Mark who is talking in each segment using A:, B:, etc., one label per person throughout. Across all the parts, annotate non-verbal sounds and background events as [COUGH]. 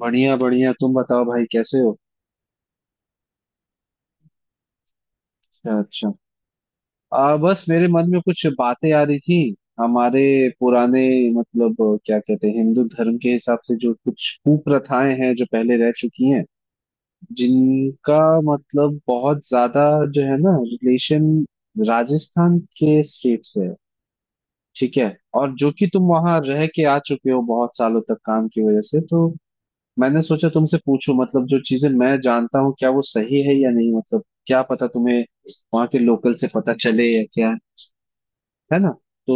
A: बढ़िया बढ़िया तुम बताओ भाई कैसे हो। अच्छा अच्छा। बस मेरे मन में कुछ बातें आ रही थी हमारे पुराने, मतलब क्या कहते हैं, हिंदू धर्म के हिसाब से जो कुछ कुप्रथाएं हैं जो पहले रह चुकी हैं, जिनका मतलब बहुत ज्यादा, जो है ना, रिलेशन राजस्थान के स्टेट से है। ठीक है। और जो कि तुम वहां रह के आ चुके हो बहुत सालों तक काम की वजह से, तो मैंने सोचा तुमसे पूछूं, मतलब जो चीजें मैं जानता हूँ क्या वो सही है या नहीं, मतलब क्या पता तुम्हें वहां के लोकल से पता चले या क्या, है ना। तो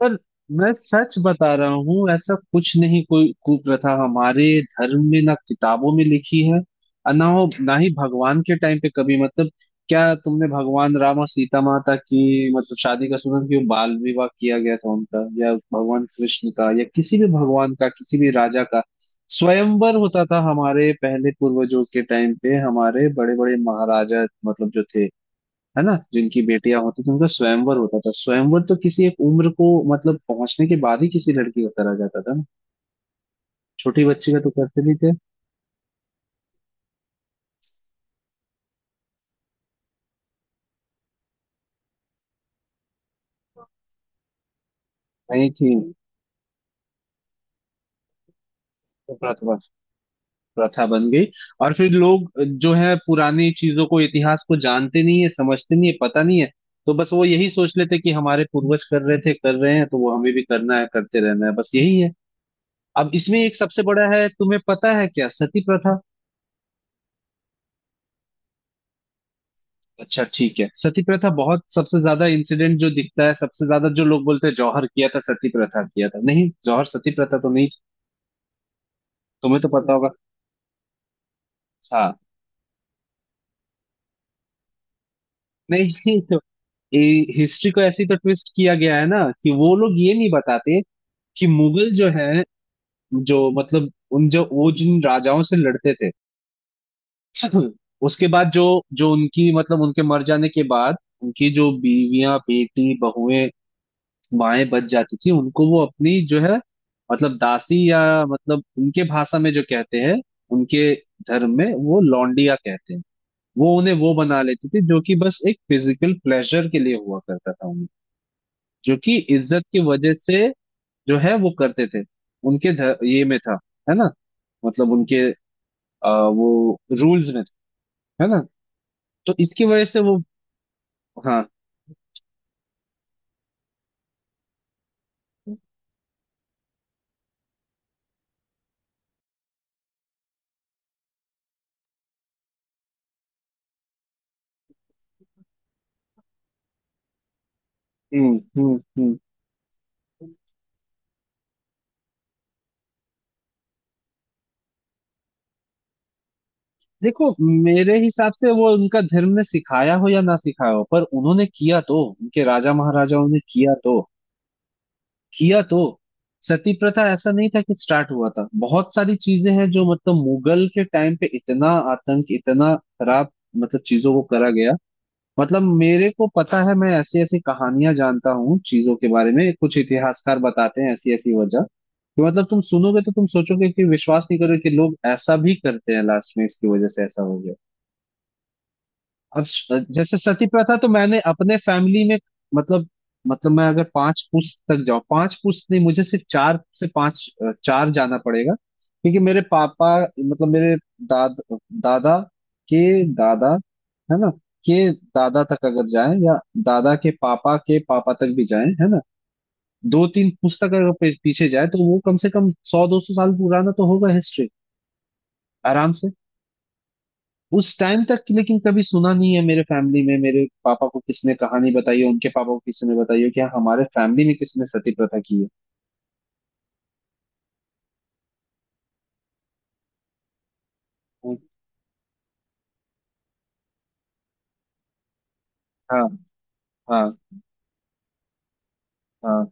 A: पर मैं सच बता रहा हूँ, ऐसा कुछ नहीं, कोई कुप्रथा हमारे धर्म में ना किताबों में लिखी है और ना हो, ना ही भगवान के टाइम पे कभी, मतलब क्या तुमने भगवान राम और सीता माता की मतलब शादी का सुना कि वो बाल विवाह किया गया था उनका, या भगवान कृष्ण का, या किसी भी भगवान का, किसी भी राजा का? स्वयंवर होता था हमारे पहले पूर्वजों के टाइम पे, हमारे बड़े बड़े महाराजा, मतलब जो थे, है ना, जिनकी बेटियां होती थी उनका स्वयंवर होता था। स्वयंवर तो किसी एक उम्र को मतलब पहुंचने के बाद ही किसी लड़की का करा जाता था ना। छोटी बच्ची का तो करते नहीं थे। नहीं थी। तो प्रथा प्रथा बन गई। और फिर लोग जो है पुरानी चीजों को, इतिहास को, जानते नहीं है, समझते नहीं है, पता नहीं है। तो बस वो यही सोच लेते कि हमारे पूर्वज कर रहे थे, कर रहे हैं, तो वो हमें भी करना है, करते रहना है, बस यही है। अब इसमें एक सबसे बड़ा है, तुम्हें पता है, क्या सती प्रथा? अच्छा ठीक है। सती प्रथा बहुत, सबसे ज्यादा इंसिडेंट जो दिखता है, सबसे ज्यादा जो लोग बोलते हैं जौहर किया था, सती प्रथा किया था, नहीं जौहर, सती प्रथा तो नहीं। तुम्हें तो पता होगा। हाँ। नहीं तो हिस्ट्री को ऐसे ही तो ट्विस्ट किया गया है ना कि वो लोग ये नहीं बताते कि मुगल जो है, जो मतलब, उन जो वो जिन राजाओं से लड़ते थे [CLEARS THROAT] [LAUGHS] उसके बाद जो जो उनकी, मतलब उनके मर जाने के बाद, उनकी जो बीवियां बेटी बहुएं माएं बच जाती थी, उनको वो अपनी जो है, मतलब दासी, या मतलब उनके भाषा में जो कहते हैं, उनके धर्म में वो लौंडिया कहते हैं, वो उन्हें वो बना लेती थी, जो कि बस एक फिजिकल प्लेजर के लिए हुआ करता था उन्हें, जो कि इज्जत की वजह से जो है वो करते थे। उनके ये में था, है ना, मतलब उनके वो रूल्स में था, है ना। तो इसकी वजह से वो। हाँ। हम्म। देखो, मेरे हिसाब से वो, उनका धर्म ने सिखाया हो या ना सिखाया हो, पर उन्होंने किया तो, उनके राजा महाराजाओं ने किया तो, किया तो। सती प्रथा ऐसा नहीं था कि स्टार्ट हुआ था, बहुत सारी चीजें हैं जो मतलब मुगल के टाइम पे, इतना आतंक, इतना खराब, मतलब चीजों को करा गया। मतलब मेरे को पता है, मैं ऐसी ऐसी कहानियां जानता हूँ चीजों के बारे में, कुछ इतिहासकार बताते हैं ऐसी ऐसी वजह कि मतलब तुम सुनोगे तो तुम सोचोगे कि विश्वास नहीं करोगे कि लोग ऐसा भी करते हैं, लास्ट में इसकी वजह से ऐसा हो गया। अब जैसे सती प्रथा तो मैंने अपने फैमिली में, मतलब, मतलब मैं अगर 5 पुश्त तक जाऊं, 5 पुश्त नहीं, मुझे सिर्फ चार से पांच चार जाना पड़ेगा क्योंकि मेरे पापा, मतलब मेरे दाद दादा के दादा, है ना, के दादा तक अगर जाए, या दादा के पापा तक भी जाए, है ना, दो तीन पुस्तक अगर पीछे जाए तो वो कम से कम 100-200 साल पुराना तो होगा, हिस्ट्री आराम उस टाइम तक। लेकिन कभी सुना नहीं है मेरे फैमिली में, मेरे पापा को किसने कहानी बताई है, उनके पापा को किसने बताई है कि हाँ, हमारे फैमिली में किसने सती प्रथा की है। हम्म, हाँ हाँ हाँ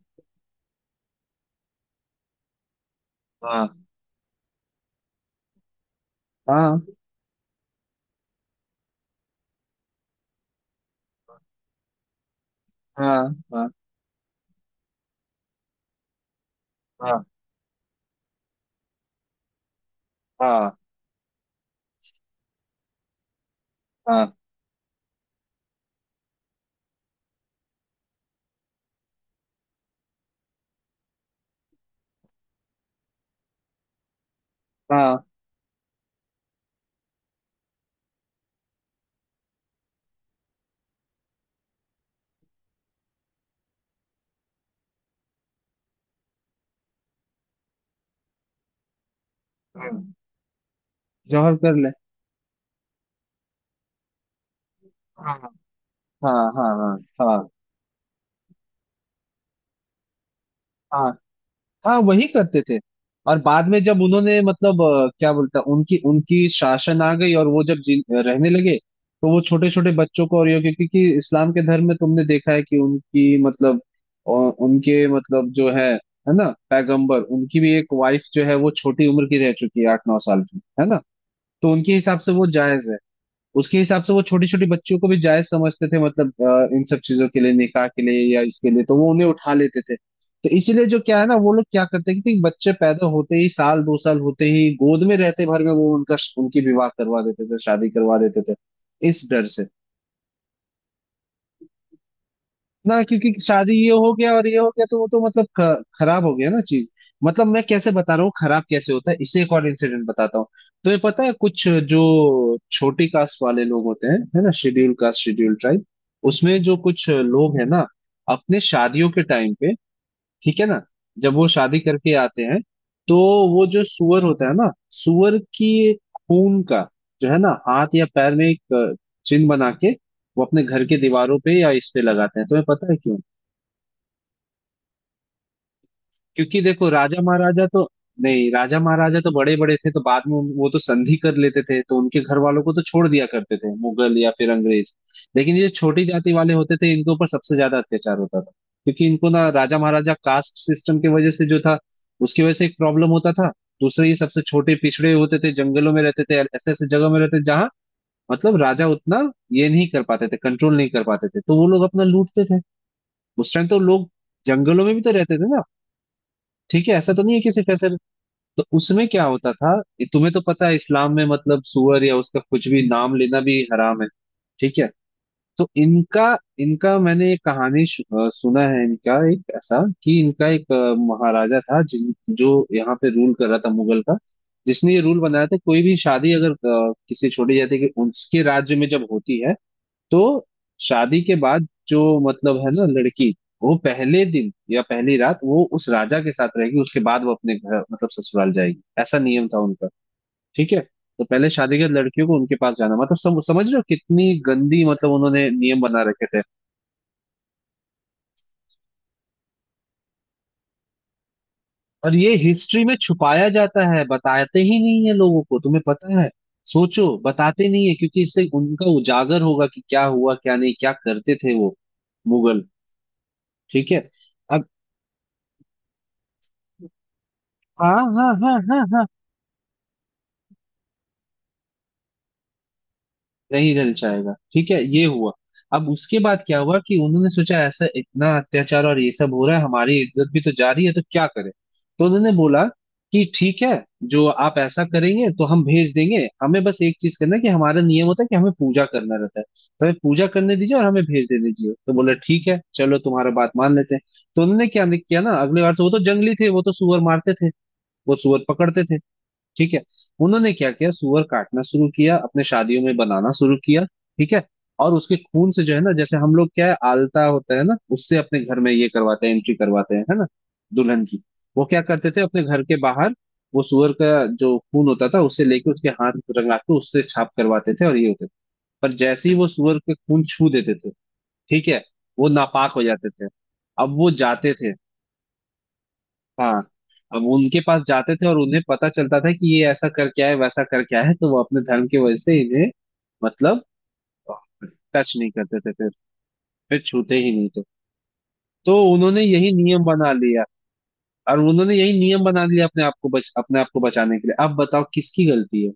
A: हाँ हाँ हाँ हाँ हाँ हाँ हाँ हाँ हाँ, जौहर कर ले। हाँ हाँ हाँ हाँ हाँ हाँ वही करते थे। और बाद में जब उन्होंने मतलब क्या बोलता, उनकी उनकी शासन आ गई और वो जब रहने लगे, तो वो छोटे छोटे बच्चों को, और ये क्योंकि क्योंकि इस्लाम के धर्म में तुमने देखा है कि उनकी मतलब उनके मतलब जो है ना, पैगंबर, उनकी भी एक वाइफ जो है वो छोटी उम्र की रह चुकी है, 8-9 साल की, है ना। तो उनके हिसाब से वो जायज है। उसके हिसाब से वो छोटी छोटी बच्चियों को भी जायज समझते थे, मतलब इन सब चीजों के लिए, निकाह के लिए या इसके लिए, तो वो उन्हें उठा लेते थे। तो इसीलिए जो क्या है ना, वो लोग क्या करते हैं कि बच्चे पैदा होते ही, साल दो साल होते ही, गोद में रहते भर में वो उनका उनकी विवाह करवा देते थे, शादी करवा देते थे, इस डर से ना, क्योंकि शादी ये हो गया और ये हो गया तो वो तो मतलब खराब हो गया ना चीज। मतलब मैं कैसे बता रहा हूँ खराब कैसे होता है, इससे एक और इंसिडेंट बताता हूँ। तो ये पता है कुछ जो छोटी कास्ट वाले लोग होते हैं, है ना, शेड्यूल कास्ट, शेड्यूल ट्राइब, उसमें जो कुछ लोग हैं ना, अपने शादियों के टाइम पे, ठीक है ना, जब वो शादी करके आते हैं तो वो जो सुअर होता है ना, सुअर की खून का जो है ना, हाथ या पैर में एक चिन्ह बना के वो अपने घर के दीवारों पे या इस पे लगाते हैं, तुम्हें पता है? क्योंकि देखो राजा महाराजा तो, नहीं, राजा महाराजा तो बड़े बड़े थे, तो बाद में वो तो संधि कर लेते थे तो उनके घर वालों को तो छोड़ दिया करते थे मुगल या फिर अंग्रेज, लेकिन ये छोटी जाति वाले होते थे, इनके ऊपर सबसे ज्यादा अत्याचार होता था, क्योंकि इनको ना, राजा महाराजा कास्ट सिस्टम की वजह से जो था, उसकी वजह से एक प्रॉब्लम होता था। दूसरे ये सबसे छोटे पिछड़े होते थे, जंगलों में रहते थे, ऐसे ऐसे जगह में रहते थे जहाँ मतलब राजा उतना ये नहीं कर पाते थे, कंट्रोल नहीं कर पाते थे, तो वो लोग अपना लूटते थे। उस टाइम तो लोग जंगलों में भी तो रहते थे ना, ठीक है, ऐसा तो नहीं है कि सिर्फ ऐसे। तो उसमें क्या होता था, ये तुम्हें तो पता है, इस्लाम में मतलब सूअर या उसका कुछ भी नाम लेना भी हराम है, ठीक है। तो इनका, इनका मैंने एक कहानी सुना है, इनका एक ऐसा कि इनका एक महाराजा था, जिन जो यहाँ पे रूल कर रहा था मुगल का, जिसने ये रूल बनाया था कोई भी शादी अगर किसी छोड़ी जाती है कि उसके राज्य में जब होती है, तो शादी के बाद जो मतलब, है ना, लड़की, वो पहले दिन या पहली रात वो उस राजा के साथ रहेगी, उसके बाद वो अपने घर, मतलब ससुराल जाएगी, ऐसा नियम था उनका, ठीक है। तो पहले शादी के बाद लड़कियों को उनके पास जाना, मतलब समझ रहे हो कितनी गंदी, मतलब उन्होंने नियम बना रखे थे। और ये हिस्ट्री में छुपाया जाता है, बताते ही नहीं है लोगों को, तुम्हें पता है, सोचो बताते नहीं है, क्योंकि इससे उनका उजागर होगा कि क्या हुआ क्या नहीं, क्या करते थे वो मुगल, ठीक है। अब। हाँ हाँ हाँ हाँ हाँ। नहीं रह जाएगा, ठीक है, ये हुआ। अब उसके बाद क्या हुआ कि उन्होंने सोचा ऐसा इतना अत्याचार और ये सब हो रहा है, हमारी इज्जत भी तो जा रही है, तो क्या करें। तो उन्होंने बोला कि ठीक है, जो आप ऐसा करेंगे तो हम भेज देंगे, हमें बस एक चीज करना है कि हमारा नियम होता है कि हमें पूजा करना रहता है, तो हमें पूजा करने दीजिए और हमें भेज दे दीजिए। तो बोला ठीक है चलो तुम्हारा बात मान लेते हैं। तो उन्होंने क्या किया ना, अगले बार से वो तो जंगली थे, वो तो सुअर मारते थे, वो सुअर पकड़ते थे, ठीक है। उन्होंने क्या किया, सुअर काटना शुरू किया, अपने शादियों में बनाना शुरू किया, ठीक है। और उसके खून से जो है ना, जैसे हम लोग क्या है आलता होता है ना, उससे अपने घर में ये करवाते हैं, एंट्री करवाते हैं, है ना, दुल्हन की, वो क्या करते थे अपने घर के बाहर, वो सुअर का जो खून होता था उसे लेके उसके हाथ रंगा के उससे छाप करवाते थे और ये होते थे। पर जैसे ही वो सुअर के खून छू देते थे, ठीक है, वो नापाक हो जाते थे। अब वो जाते थे। हाँ। अब उनके पास जाते थे और उन्हें पता चलता था कि ये ऐसा करके आए, वैसा करके आए, तो वो अपने धर्म की वजह से इन्हें मतलब टच नहीं करते थे फिर छूते ही नहीं थे। तो उन्होंने यही नियम बना लिया। और उन्होंने यही नियम बना लिया, अपने आप को बचाने के लिए। अब बताओ किसकी गलती है।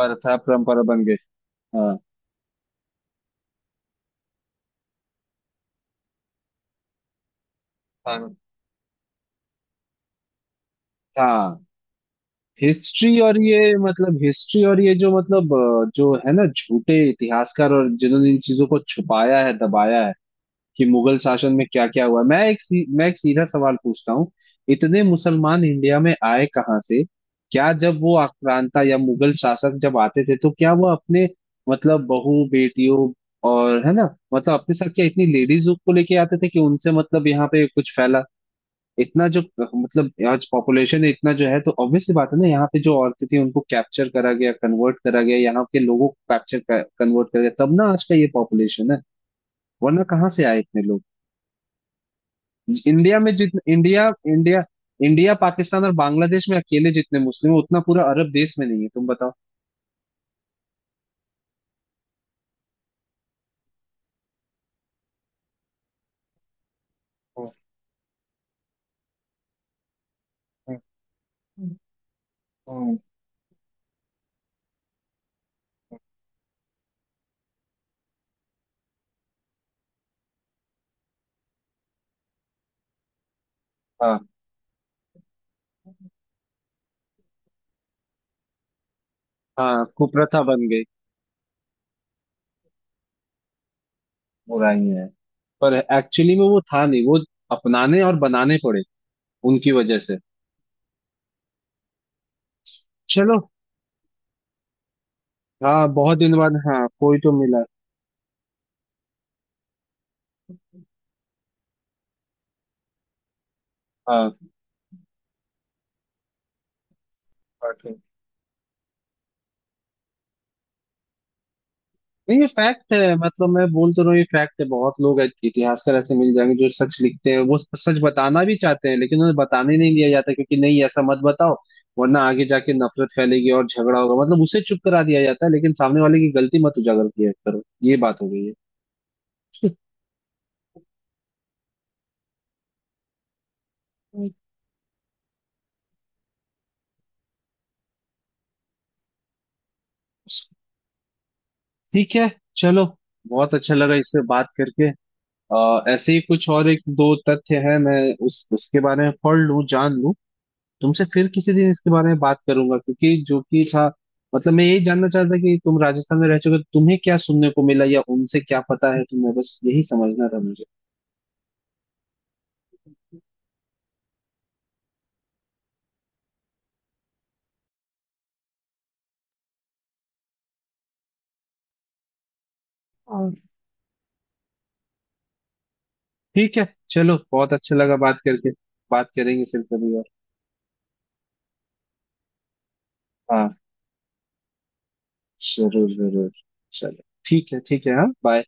A: प्रथा परंपरा बन गई। हाँ हाँ हाँ। हिस्ट्री और ये, मतलब हिस्ट्री और ये जो, मतलब जो है ना, झूठे इतिहासकार और जिन्होंने इन चीजों को छुपाया है, दबाया है, कि मुगल शासन में क्या क्या हुआ, मैं एक सीधा सवाल पूछता हूँ। इतने मुसलमान इंडिया में आए कहाँ से? क्या जब वो आक्रांता या मुगल शासक जब आते थे, तो क्या वो अपने, मतलब बहू बेटियों और, है ना, मतलब अपने साथ क्या इतनी लेडीज को लेके आते थे कि उनसे मतलब यहाँ पे कुछ फैला, इतना जो, मतलब आज पॉपुलेशन है इतना जो है, तो ऑब्वियस सी बात है ना, यहाँ पे जो औरतें थी उनको कैप्चर करा गया, कन्वर्ट करा गया, यहाँ के लोगों को कैप्चर, कन्वर्ट करा गया, तब ना आज का ये पॉपुलेशन है। वरना कहाँ से आए इतने लोग। इंडिया में जितने इंडिया इंडिया इंडिया पाकिस्तान और बांग्लादेश में अकेले जितने मुस्लिम हैं उतना पूरा अरब देश में नहीं है, तुम बताओ। हम्म, हम्म, हम्म, हम्म। हाँ हाँ कुप्रथा बन गई, बुराई है, पर एक्चुअली में वो था नहीं, वो अपनाने और बनाने पड़े उनकी वजह से। चलो। हाँ बहुत दिन बाद, हाँ, कोई तो मिला। हाँ। बाकी। नहीं, ये फैक्ट है, मतलब मैं बोल तो रहा हूँ ये फैक्ट है, बहुत लोग इतिहासकार ऐसे मिल जाएंगे जो सच लिखते हैं, वो सच बताना भी चाहते हैं, लेकिन उन्हें बताने नहीं दिया जाता, क्योंकि नहीं ऐसा मत बताओ वरना आगे जाके नफरत फैलेगी और झगड़ा होगा, मतलब उसे चुप करा दिया जाता है, लेकिन सामने वाले की गलती मत उजागर किया करो। ये बात हो गई है, ठीक है चलो, बहुत अच्छा लगा इससे बात करके। ऐसे ही कुछ और एक दो तथ्य है, मैं उस, उसके बारे में पढ़ लूं, जान लूं, तुमसे फिर किसी दिन इसके बारे में बात करूंगा, क्योंकि जो कि था, मतलब मैं यही जानना चाहता था कि तुम राजस्थान में रह चुके हो, तो तुम्हें क्या सुनने को मिला या उनसे क्या पता है तुम्हें, बस यही समझना था मुझे। और ठीक है, चलो, बहुत अच्छा लगा बात करके। बात करेंगे फिर कभी और। हाँ जरूर जरूर। चलो, ठीक है ठीक है, हाँ बाय।